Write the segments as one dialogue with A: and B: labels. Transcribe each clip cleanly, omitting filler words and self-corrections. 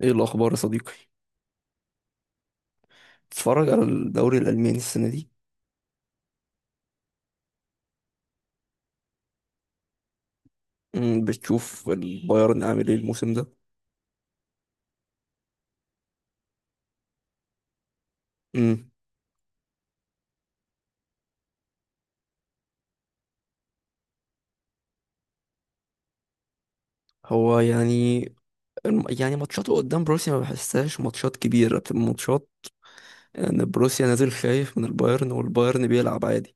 A: ايه الاخبار يا صديقي؟ بتتفرج على الدوري الالماني السنه دي؟ بتشوف البايرن عامل ايه الموسم ده؟ أمم، هو يعني يعني ماتشاته قدام بروسيا ما بحسهاش ماتشات كبيره، بتبقى ماتشات ان بروسيا نازل خايف من البايرن والبايرن بيلعب عادي.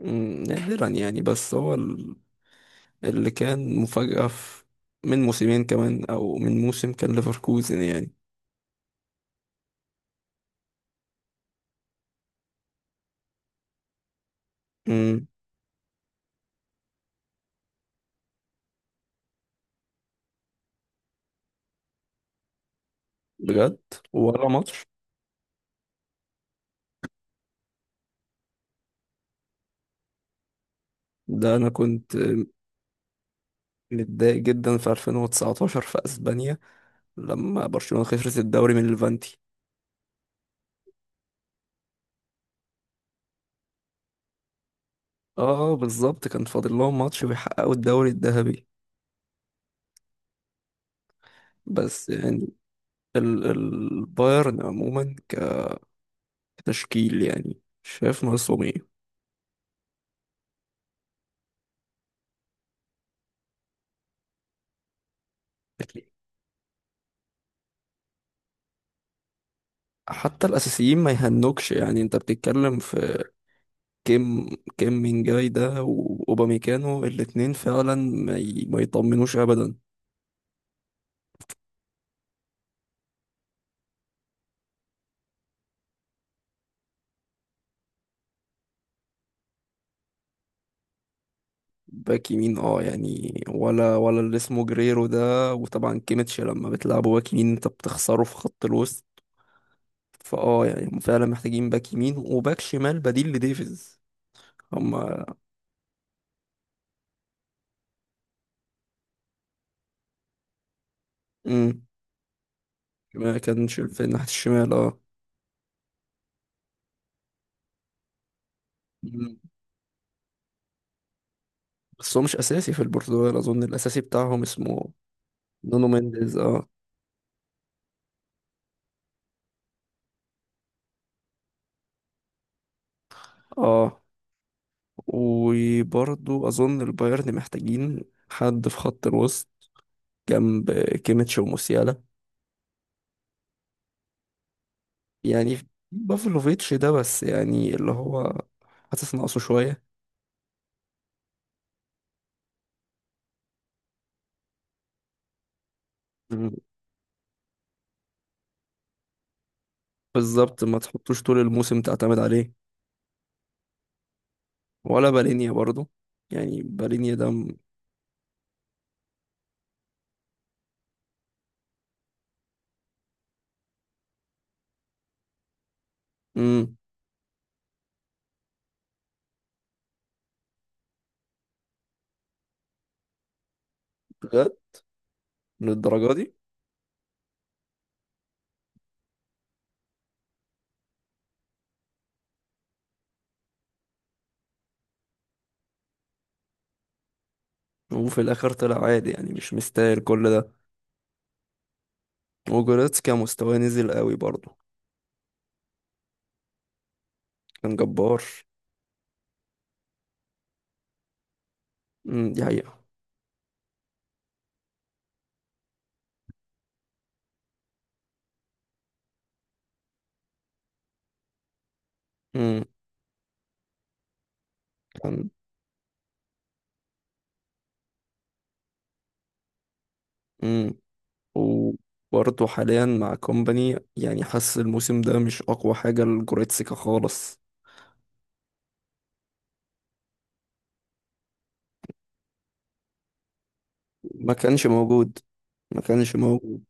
A: نادرا يعني. بس هو اللي كان مفاجاه في، من موسمين كمان او من موسم كان ليفركوزن يعني. أمم، بجد؟ ولا ماتش. ده انا كنت متضايق جدا في 2019 في اسبانيا، لما برشلونة خسرت الدوري من ليفانتي. اه بالظبط، كان فاضل لهم ماتش ويحققوا الدوري الذهبي. بس يعني البايرن عموما كتشكيل، يعني شايف ناقصهم ايه يعني؟ حتى الاساسيين ما يهنوكش، يعني انت بتتكلم في كيم. كيم من جاي ده واوباميكانو الاتنين فعلا ما يطمنوش ابدا. باك يمين اه يعني. ولا اللي اسمه جريرو ده، وطبعا كيميتش لما بتلعبه باك يمين انت بتخسره في خط الوسط. فاه يعني هم فعلا محتاجين باك يمين وباك شمال بديل لديفيز. هما، امم ما كانش في ناحية الشمال، اه. مم. بس هو مش أساسي في البرتغال، أظن الأساسي بتاعهم اسمه نونو مينديز، اه. اه وبرضو أظن البايرن محتاجين حد في خط الوسط جنب كيميتش وموسيالا يعني. بافلوفيتش ده، بس يعني اللي هو حاسس ناقصه شوية. مم. بالظبط ما تحطوش طول الموسم تعتمد عليه، ولا بالينيا برضو. يعني بالينيا ده مم، بجد؟ للدرجة دي؟ وفي الآخر طلع عادي، يعني مش مستاهل كل ده. وجوريتس كان مستواه نزل قوي برضو. كان جبار. مم، دي حقيقة. مم، كان. مم. وبرضو حاليا مع كومباني، يعني حاسس الموسم ده مش أقوى حاجة لجوريتسكا خالص. ما كانش موجود. ما كانش موجود.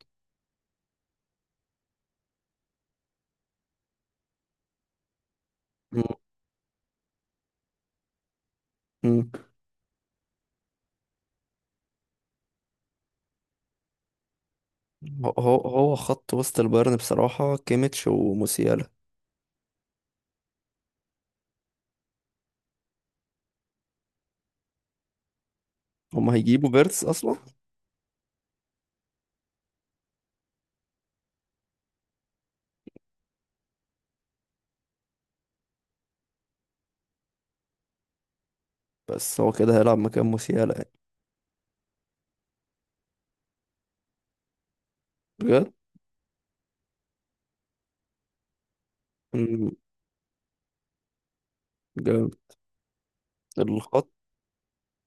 A: مم، مم. هو خط وسط البايرن بصراحة كيميتش وموسيالا. هما هيجيبوا فيرتس أصلا؟ بس هو كده هيلعب مكان موسيالا يعني. بجد؟ مم، جامد. الخط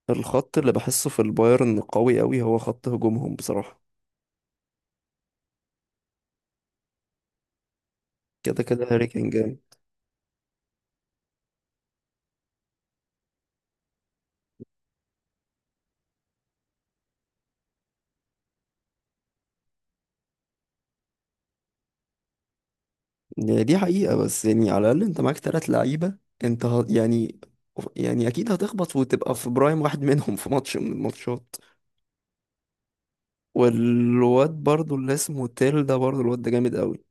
A: الخط اللي بحسه في البايرن قوي قوي، هو خط هجومهم بصراحة. كده كده هاري كان جامد. يعني دي حقيقة، بس يعني على الأقل أنت معاك تلات لعيبة، أنت يعني أكيد هتخبط وتبقى في برايم واحد منهم في ماتش من الماتشات. والواد برضو اللي اسمه تيل ده، برضو الواد ده جامد قوي.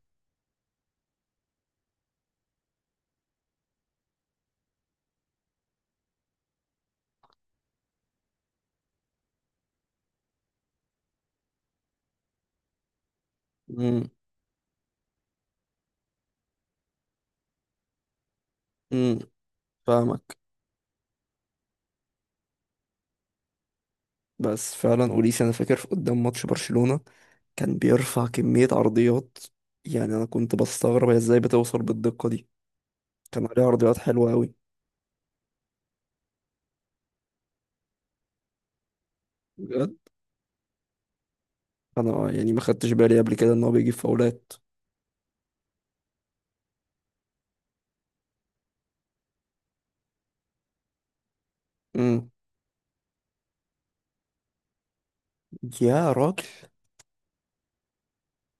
A: امم. امم فاهمك. بس فعلا أوليس أنا فاكر في قدام ماتش برشلونة كان بيرفع كمية عرضيات، يعني أنا كنت بستغرب هي إزاي بتوصل بالدقة دي. كان عليه عرضيات حلوة أوي. بجد؟ أنا يعني ما خدتش بالي قبل كده إن هو بيجيب فاولات. امم يا راجل.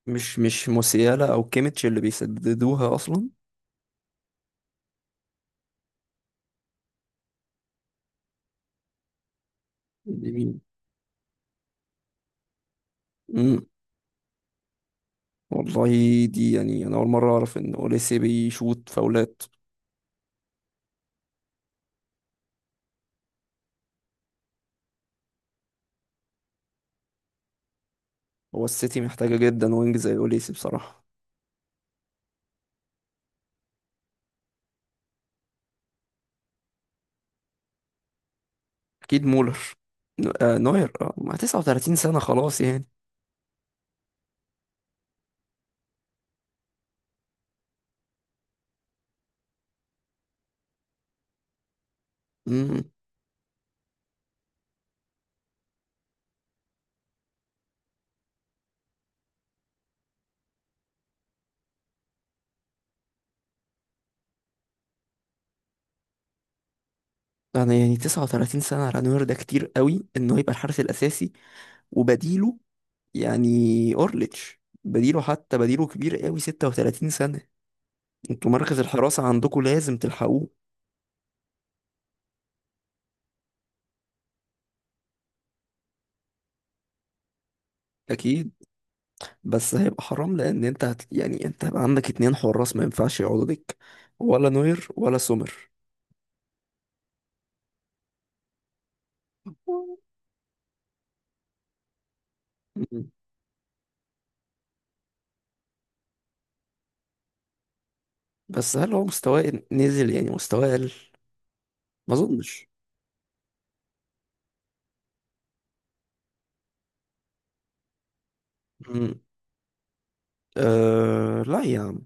A: مش موسيالا أو كيميتش اللي بيسددوها أصلا؟ دي مين؟ امم والله. دي يعني أنا أول مرة أعرف إن أوليسي بيشوط فاولات. هو السيتي محتاجة جدا وينج زي أوليسي بصراحة. أكيد مولر. نوير، مع 39 سنة خلاص يعني. امم انا يعني 39 سنة على نوير ده كتير قوي انه يبقى الحارس الاساسي، وبديله. يعني اورليتش بديله، حتى بديله كبير قوي 36 سنة. انتوا مركز الحراسة عندكم لازم تلحقوه. اكيد. بس هيبقى حرام لان انت يعني انت هيبقى عندك اتنين حراس ما ينفعش يقعدوا دك، ولا نوير ولا سومر. مم. بس هل هو مستواه نزل، يعني مستواه قل؟ ما اظنش. مم. أه لا يا عم.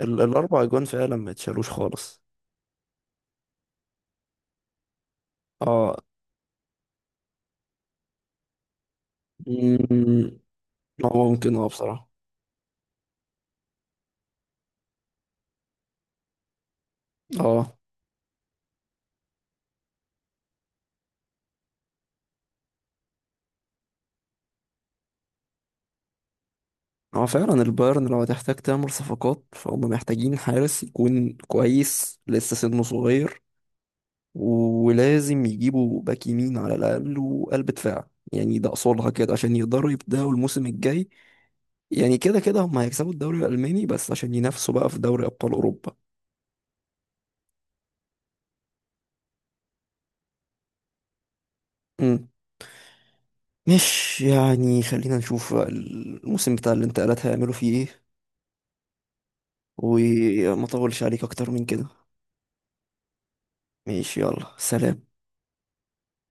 A: الاربع اجوان فعلا ما اتشالوش خالص، اه. مم، هو ممكن اه بصراحة، اه. هو فعلا البايرن لو هتحتاج تعمل صفقات فهم محتاجين حارس يكون كويس لسه سنه صغير. ولازم يجيبوا باك يمين على الأقل وقلب دفاع، يعني ده أصولها كده عشان يقدروا يبدأوا الموسم الجاي. يعني كده كده هم هيكسبوا الدوري الألماني، بس عشان ينافسوا بقى في دوري أبطال أوروبا. مم. مش يعني خلينا نشوف بقى الموسم بتاع الانتقالات هيعملوا فيه ايه، وما اطولش عليك اكتر من كده. ماشي، يلا سلام.